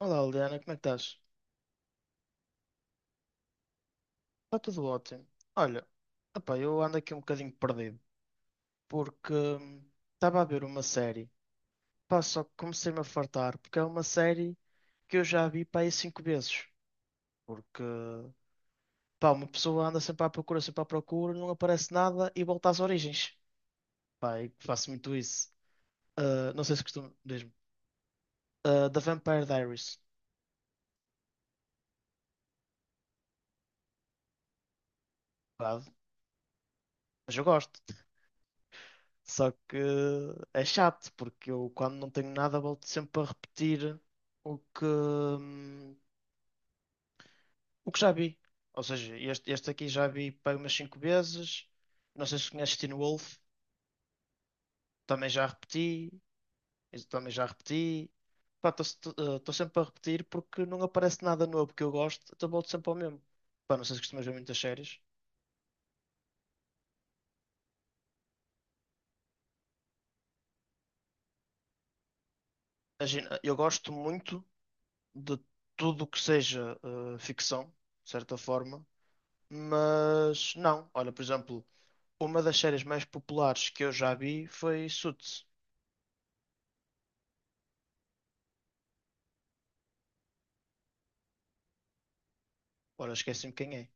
Olá, Liliana, como é que estás? Está tudo ótimo. Olha, opá, eu ando aqui um bocadinho perdido, porque estava a ver uma série, pá, só que comecei-me a fartar, porque é uma série que eu já vi, pá, aí cinco vezes, porque, pá, uma pessoa anda sempre à procura, não aparece nada e volta às origens, pá, e faço muito isso. Ah, não sei se costumo, diz-me. Ah, da Vampire Diaries, pá, mas eu gosto. Só que é chato, porque eu quando não tenho nada volto sempre a repetir o que, o que já vi. Ou seja, este aqui já vi para umas 5 vezes. Não sei se conheces Teen Wolf, também já repeti, esse também já repeti. Pá, estou sempre a repetir porque não aparece nada novo que eu gosto, então volto sempre ao mesmo. Pá, não sei se costumas ver muitas séries. Imagina, eu gosto muito de tudo o que seja ficção, de certa forma. Mas não, olha, por exemplo, uma das séries mais populares que eu já vi foi Suits. Ora, esqueci-me quem é.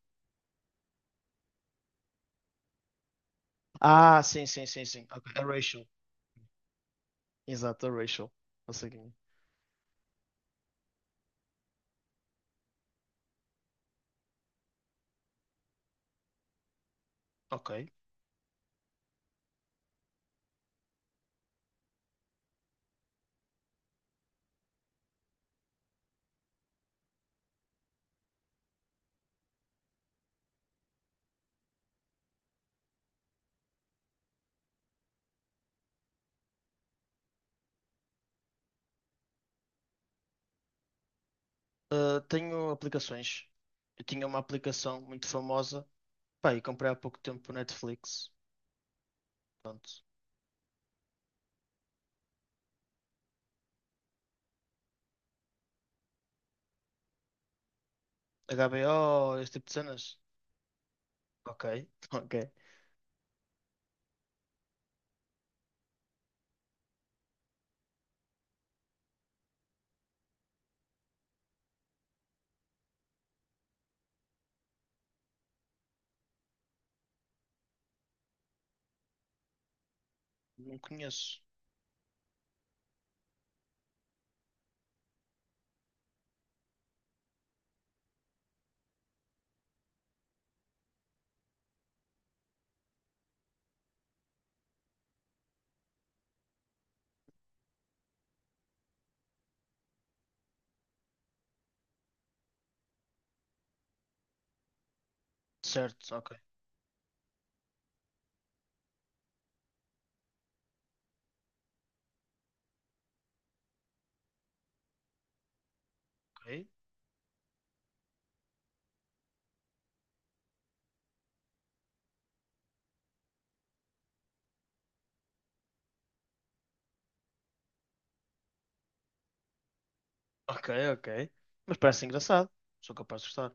Ah, sim, sim, sim, sim. Ok, a Rachel. Exato, a Rachel. Não sei quem é. Ok. Ah, tenho aplicações. Eu tinha uma aplicação muito famosa. Pá, e comprei há pouco tempo o Netflix. Pronto. HBO, esse tipo de cenas. Ok, ok. Não conheço. Certo, ok, ok. Ok, ok. Mas parece engraçado. Sou capaz de gostar.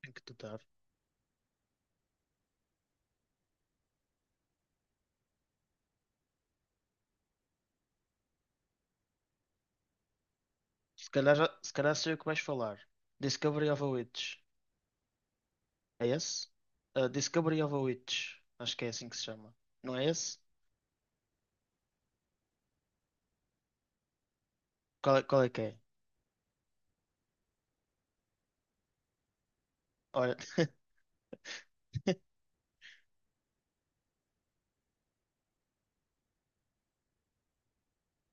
Tenho que tentar. Se calhar, se calhar sei o que vais falar. Discovery of a Witch. É esse? Discovery of a Witch. Acho que é assim que se chama. Não é esse? Qual é que é? Olha,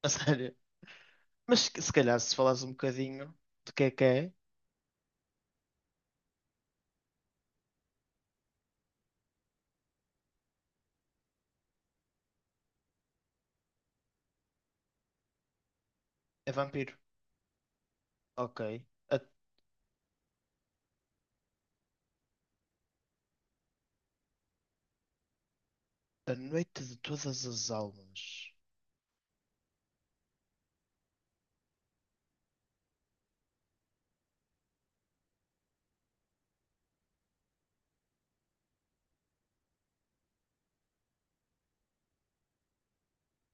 a sério. Mas se calhar se falares um bocadinho de que é, é vampiro. Ok. A noite de todas as almas.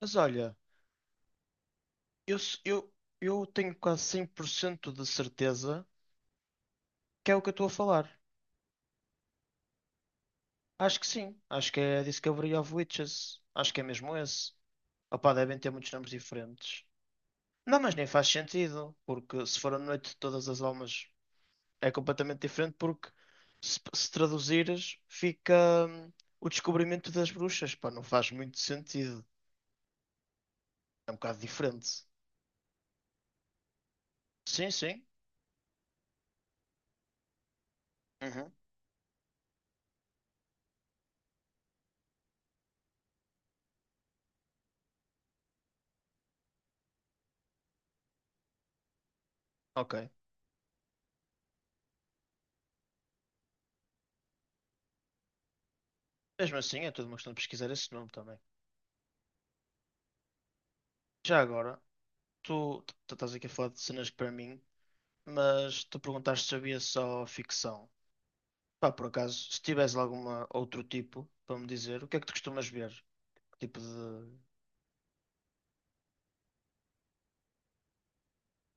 Mas olha, eu, s- eu, eu tenho quase 100% de certeza que é o que eu estou a falar. Acho que sim. Acho que é Discovery of Witches. Acho que é mesmo esse. Opá, devem ter muitos nomes diferentes. Não, mas nem faz sentido, porque se for a noite de todas as almas é completamente diferente, porque se traduzires fica o descobrimento das bruxas, pá, não faz muito sentido. É um bocado diferente. Sim, sim. Uhum. Ok. Mesmo assim, é tudo uma questão de pesquisar esse nome também. Já agora, tu estás aqui a falar de cenas que para mim, mas tu perguntaste se havia só ficção. Pá, por acaso, se tivesse lá alguma outro tipo para me dizer, o que é que tu costumas ver? Que tipo de.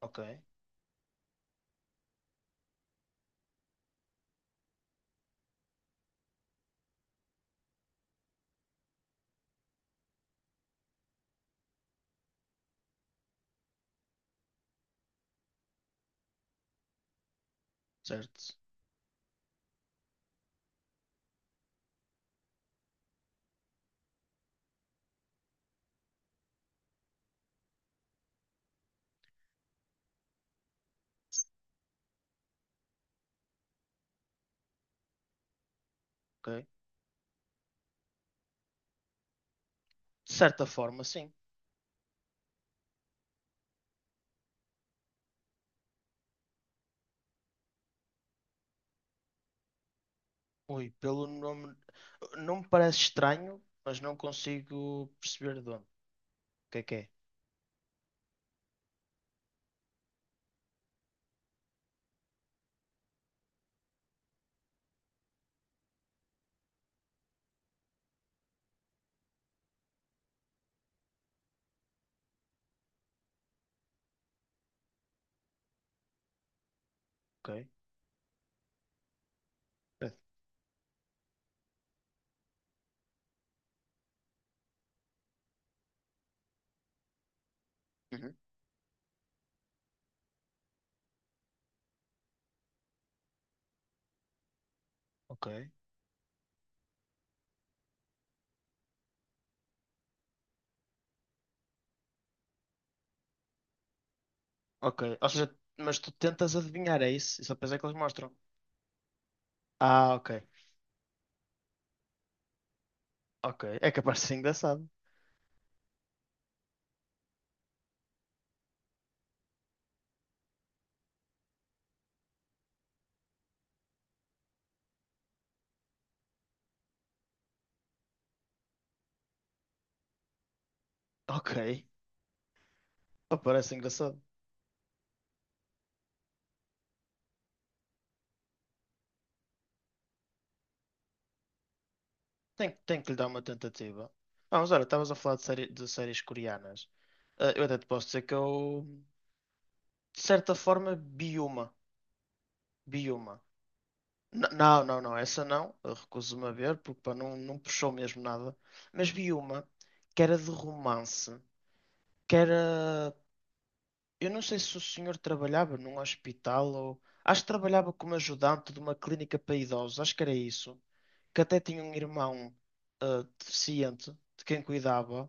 Ok, certo, ok. De certa forma, sim. Ui, pelo nome. Não me parece estranho, mas não consigo perceber de onde. O que é que é? Ok. É. Uhum. Ok. Ok. Ou seja, mas tu tentas adivinhar, é isso? Isso só depois é que eles mostram. Ah, ok. Ok. É capaz de ser engraçado. Ok. Oh, parece engraçado. Tem que lhe dar uma tentativa. Ah, mas olha, estavas a falar de, série, de séries coreanas. Ah, eu até te posso dizer que eu, de certa forma, vi uma. Vi uma. N- não, não, não, essa não. Eu recuso-me a ver porque pá, não, não puxou mesmo nada. Mas vi uma que era de romance. Que era. Eu não sei se o senhor trabalhava num hospital ou. Acho que trabalhava como ajudante de uma clínica para idosos. Acho que era isso. Que até tinha um irmão ah, deficiente de quem cuidava.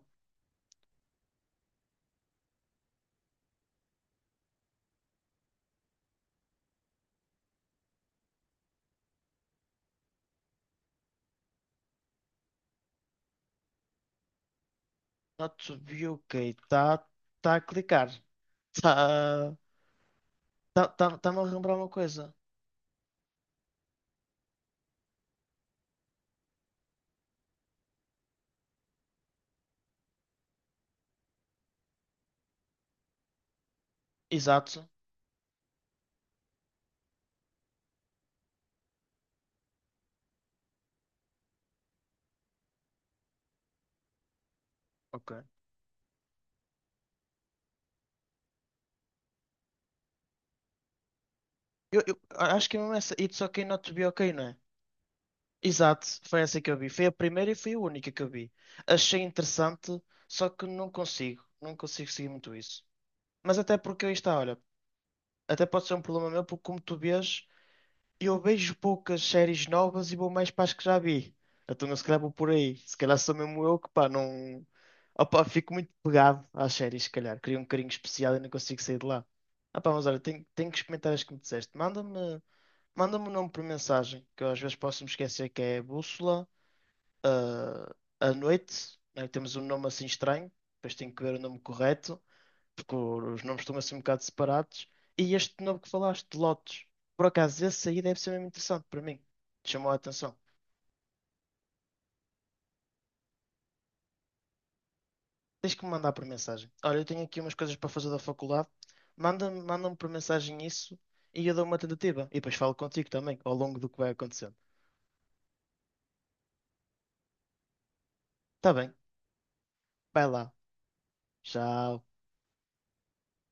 Not to be ok. Está tá tá a clicar. Está tá, me a lembrar uma coisa. Exato. Ok. Eu acho que é mesmo essa. It's okay not to be okay, não é? Exato. Foi essa que eu vi. Foi a primeira e foi a única que eu vi. Achei interessante, só que não consigo. Não consigo seguir muito isso. Mas até porque aí está, olha. Até pode ser um problema meu, porque como tu vês. Eu vejo poucas séries novas e vou mais para as que já vi. Então eu se calhar vou por aí. Se calhar sou mesmo eu que pá, não. Opa, fico muito pegado às séries, se calhar. Crio um carinho especial e não consigo sair de lá. Ah pá, mas olha, tenho que experimentar as que me disseste. Manda-me o nome por mensagem, que eu às vezes posso me esquecer que é Bússola, ah, à noite, né? Temos um nome assim estranho, depois tenho que ver o nome correto porque os nomes estão assim um bocado separados. E este novo que falaste, de Lotus, por acaso, esse aí deve ser mesmo interessante para mim. Chamou a atenção. Tens que me mandar por mensagem. Olha, eu tenho aqui umas coisas para fazer da faculdade. Manda-me por mensagem isso e eu dou uma tentativa. E depois falo contigo também, ao longo do que vai acontecendo. Tá bem, vai lá. Tchau.